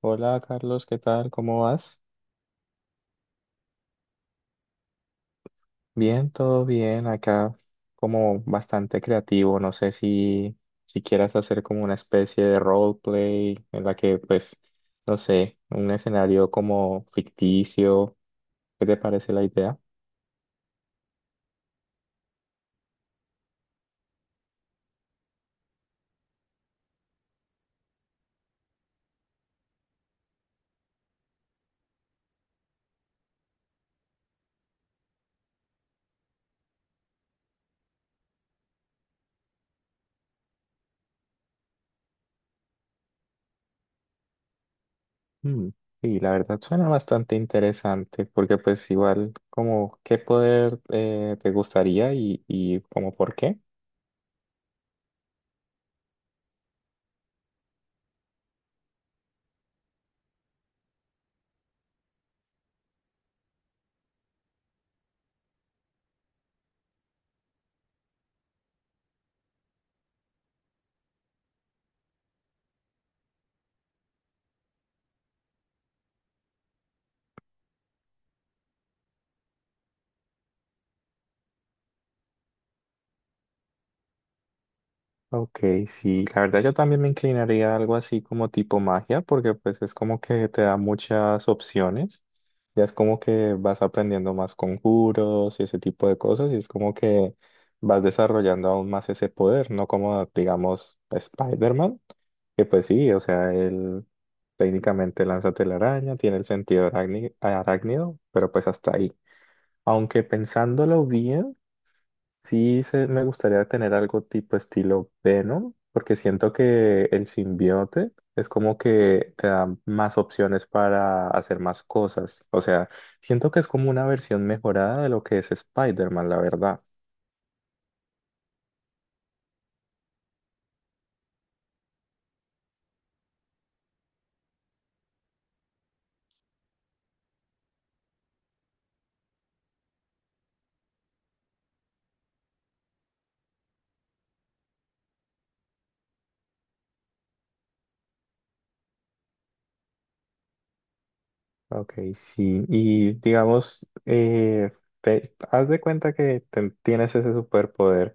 Hola Carlos, ¿qué tal? ¿Cómo vas? Bien, todo bien. Acá como bastante creativo. No sé si quieras hacer como una especie de roleplay en la que pues, no sé, un escenario como ficticio. ¿Qué te parece la idea? Mm, sí, la verdad suena bastante interesante porque pues igual como qué poder te gustaría y como por qué. Ok, sí, la verdad yo también me inclinaría a algo así como tipo magia, porque pues es como que te da muchas opciones, ya es como que vas aprendiendo más conjuros y ese tipo de cosas, y es como que vas desarrollando aún más ese poder, no como digamos Spider-Man, que pues sí, o sea, él técnicamente lanza telaraña, tiene el sentido arácnido, pero pues hasta ahí. Aunque pensándolo bien, sí, me gustaría tener algo tipo estilo Venom, porque siento que el simbionte es como que te da más opciones para hacer más cosas. O sea, siento que es como una versión mejorada de lo que es Spider-Man, la verdad. Ok, sí. Y digamos, te, haz de cuenta que tienes ese superpoder.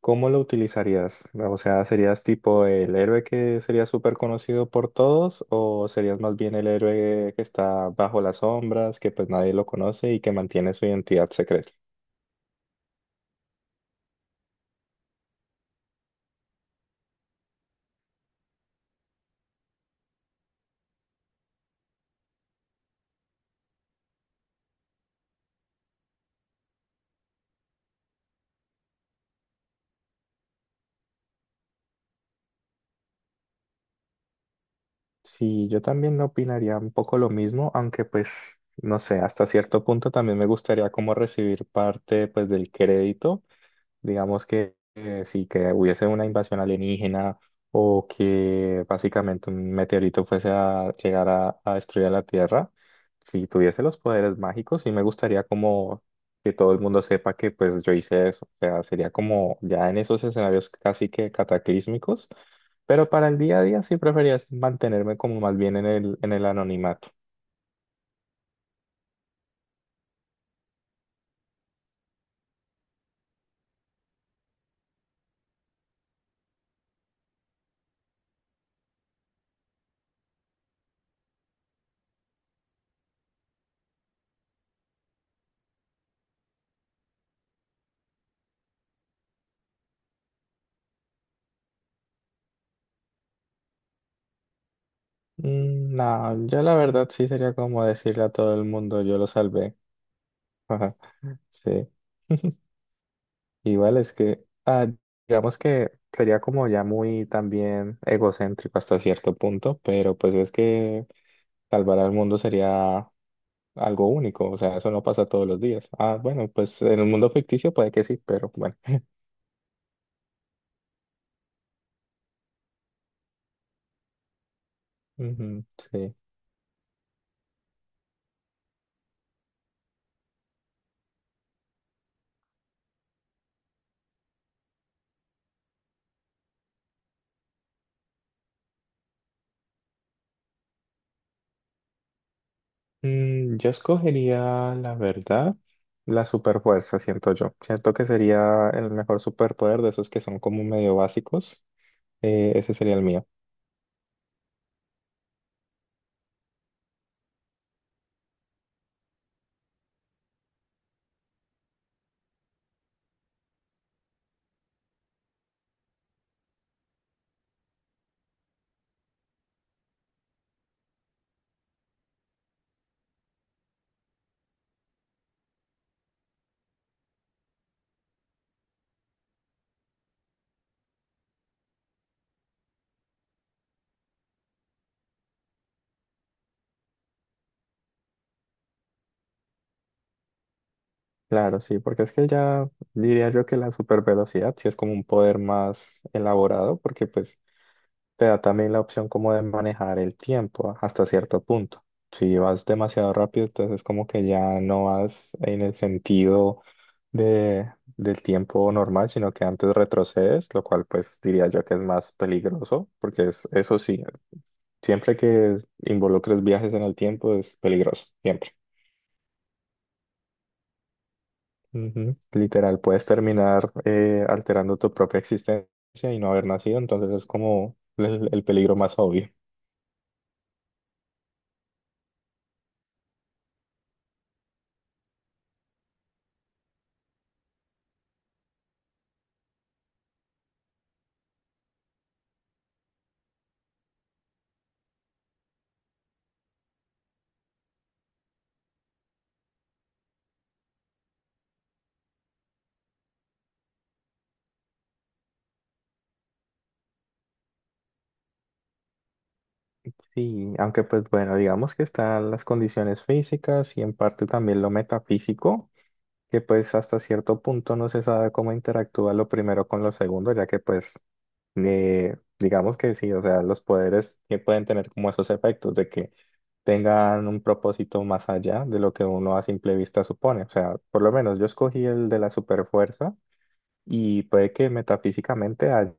¿Cómo lo utilizarías? O sea, ¿serías tipo el héroe que sería súper conocido por todos o serías más bien el héroe que está bajo las sombras, que pues nadie lo conoce y que mantiene su identidad secreta? Sí, yo también opinaría un poco lo mismo, aunque pues, no sé, hasta cierto punto también me gustaría como recibir parte pues del crédito. Digamos que sí, que hubiese una invasión alienígena o que básicamente un meteorito fuese a llegar a destruir la Tierra, si tuviese los poderes mágicos, sí me gustaría como que todo el mundo sepa que pues yo hice eso. O sea, sería como ya en esos escenarios casi que cataclísmicos, pero para el día a día sí preferiría mantenerme como más bien en el anonimato. Mm, no, yo la verdad sí sería como decirle a todo el mundo, yo lo salvé. Sí. Igual es que, ah, digamos que sería como ya muy también egocéntrico hasta cierto punto, pero pues es que salvar al mundo sería algo único, o sea, eso no pasa todos los días. Ah, bueno, pues en un mundo ficticio puede que sí, pero bueno. Ujú, sí. Mm, yo escogería, la verdad, la superfuerza, siento yo. Siento que sería el mejor superpoder de esos que son como medio básicos. Ese sería el mío. Claro, sí, porque es que ya diría yo que la supervelocidad sí es como un poder más elaborado, porque pues te da también la opción como de manejar el tiempo hasta cierto punto. Si vas demasiado rápido, entonces como que ya no vas en el sentido de, del tiempo normal, sino que antes retrocedes, lo cual pues diría yo que es más peligroso, porque es, eso sí, siempre que involucres viajes en el tiempo es peligroso, siempre. Ujú. Literal, puedes terminar alterando tu propia existencia y no haber nacido, entonces es como el peligro más obvio. Sí, aunque pues bueno, digamos que están las condiciones físicas y en parte también lo metafísico, que pues hasta cierto punto no se sabe cómo interactúa lo primero con lo segundo, ya que pues digamos que sí, o sea, los poderes que pueden tener como esos efectos de que tengan un propósito más allá de lo que uno a simple vista supone. O sea, por lo menos yo escogí el de la superfuerza y puede que metafísicamente haya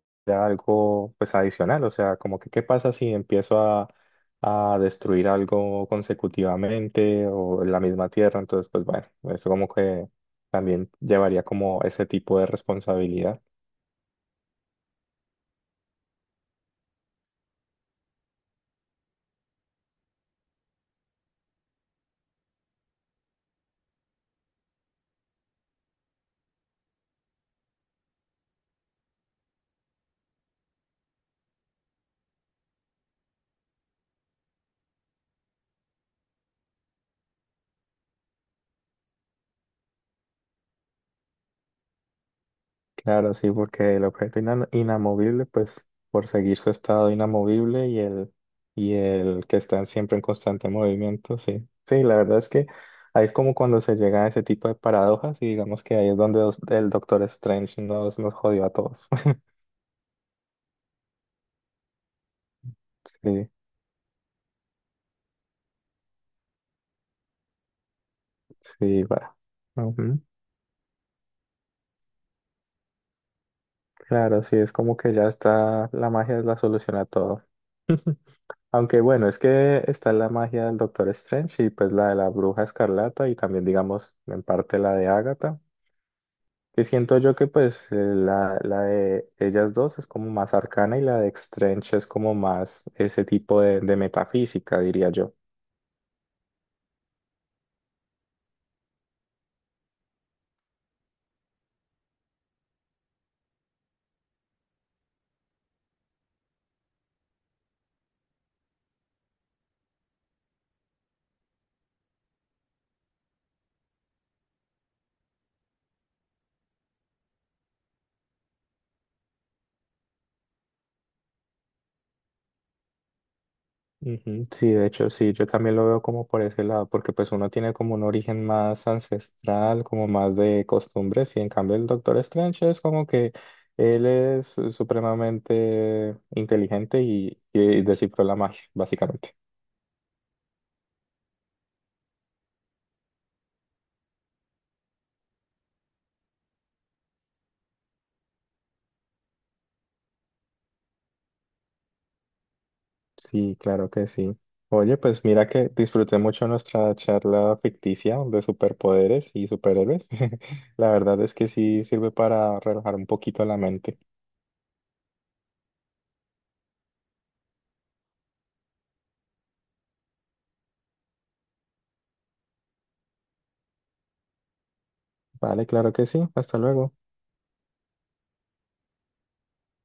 algo pues adicional, o sea, como que qué pasa si empiezo a destruir algo consecutivamente o en la misma tierra, entonces pues bueno, eso como que también llevaría como ese tipo de responsabilidad. Claro, sí, porque el objeto inamovible, pues por seguir su estado inamovible y el que están siempre en constante movimiento, sí. Sí, la verdad es que ahí es como cuando se llega a ese tipo de paradojas y digamos que ahí es donde el Doctor Strange nos jodió a todos. Sí, sí, va. Ujú. Claro, sí, es como que ya está, la magia es la solución a todo. Aunque bueno, es que está la magia del Doctor Strange y pues la de la Bruja Escarlata y también digamos en parte la de Agatha. Que siento yo que pues la de ellas dos es como más arcana y la de Strange es como más ese tipo de metafísica, diría yo. Ujú, sí, de hecho, sí, yo también lo veo como por ese lado, porque pues uno tiene como un origen más ancestral, como más de costumbres, y en cambio el Doctor Strange es como que él es supremamente inteligente y descifró la magia, básicamente. Sí, claro que sí. Oye, pues mira que disfruté mucho nuestra charla ficticia de superpoderes y superhéroes. La verdad es que sí sirve para relajar un poquito la mente. Vale, claro que sí. Hasta luego.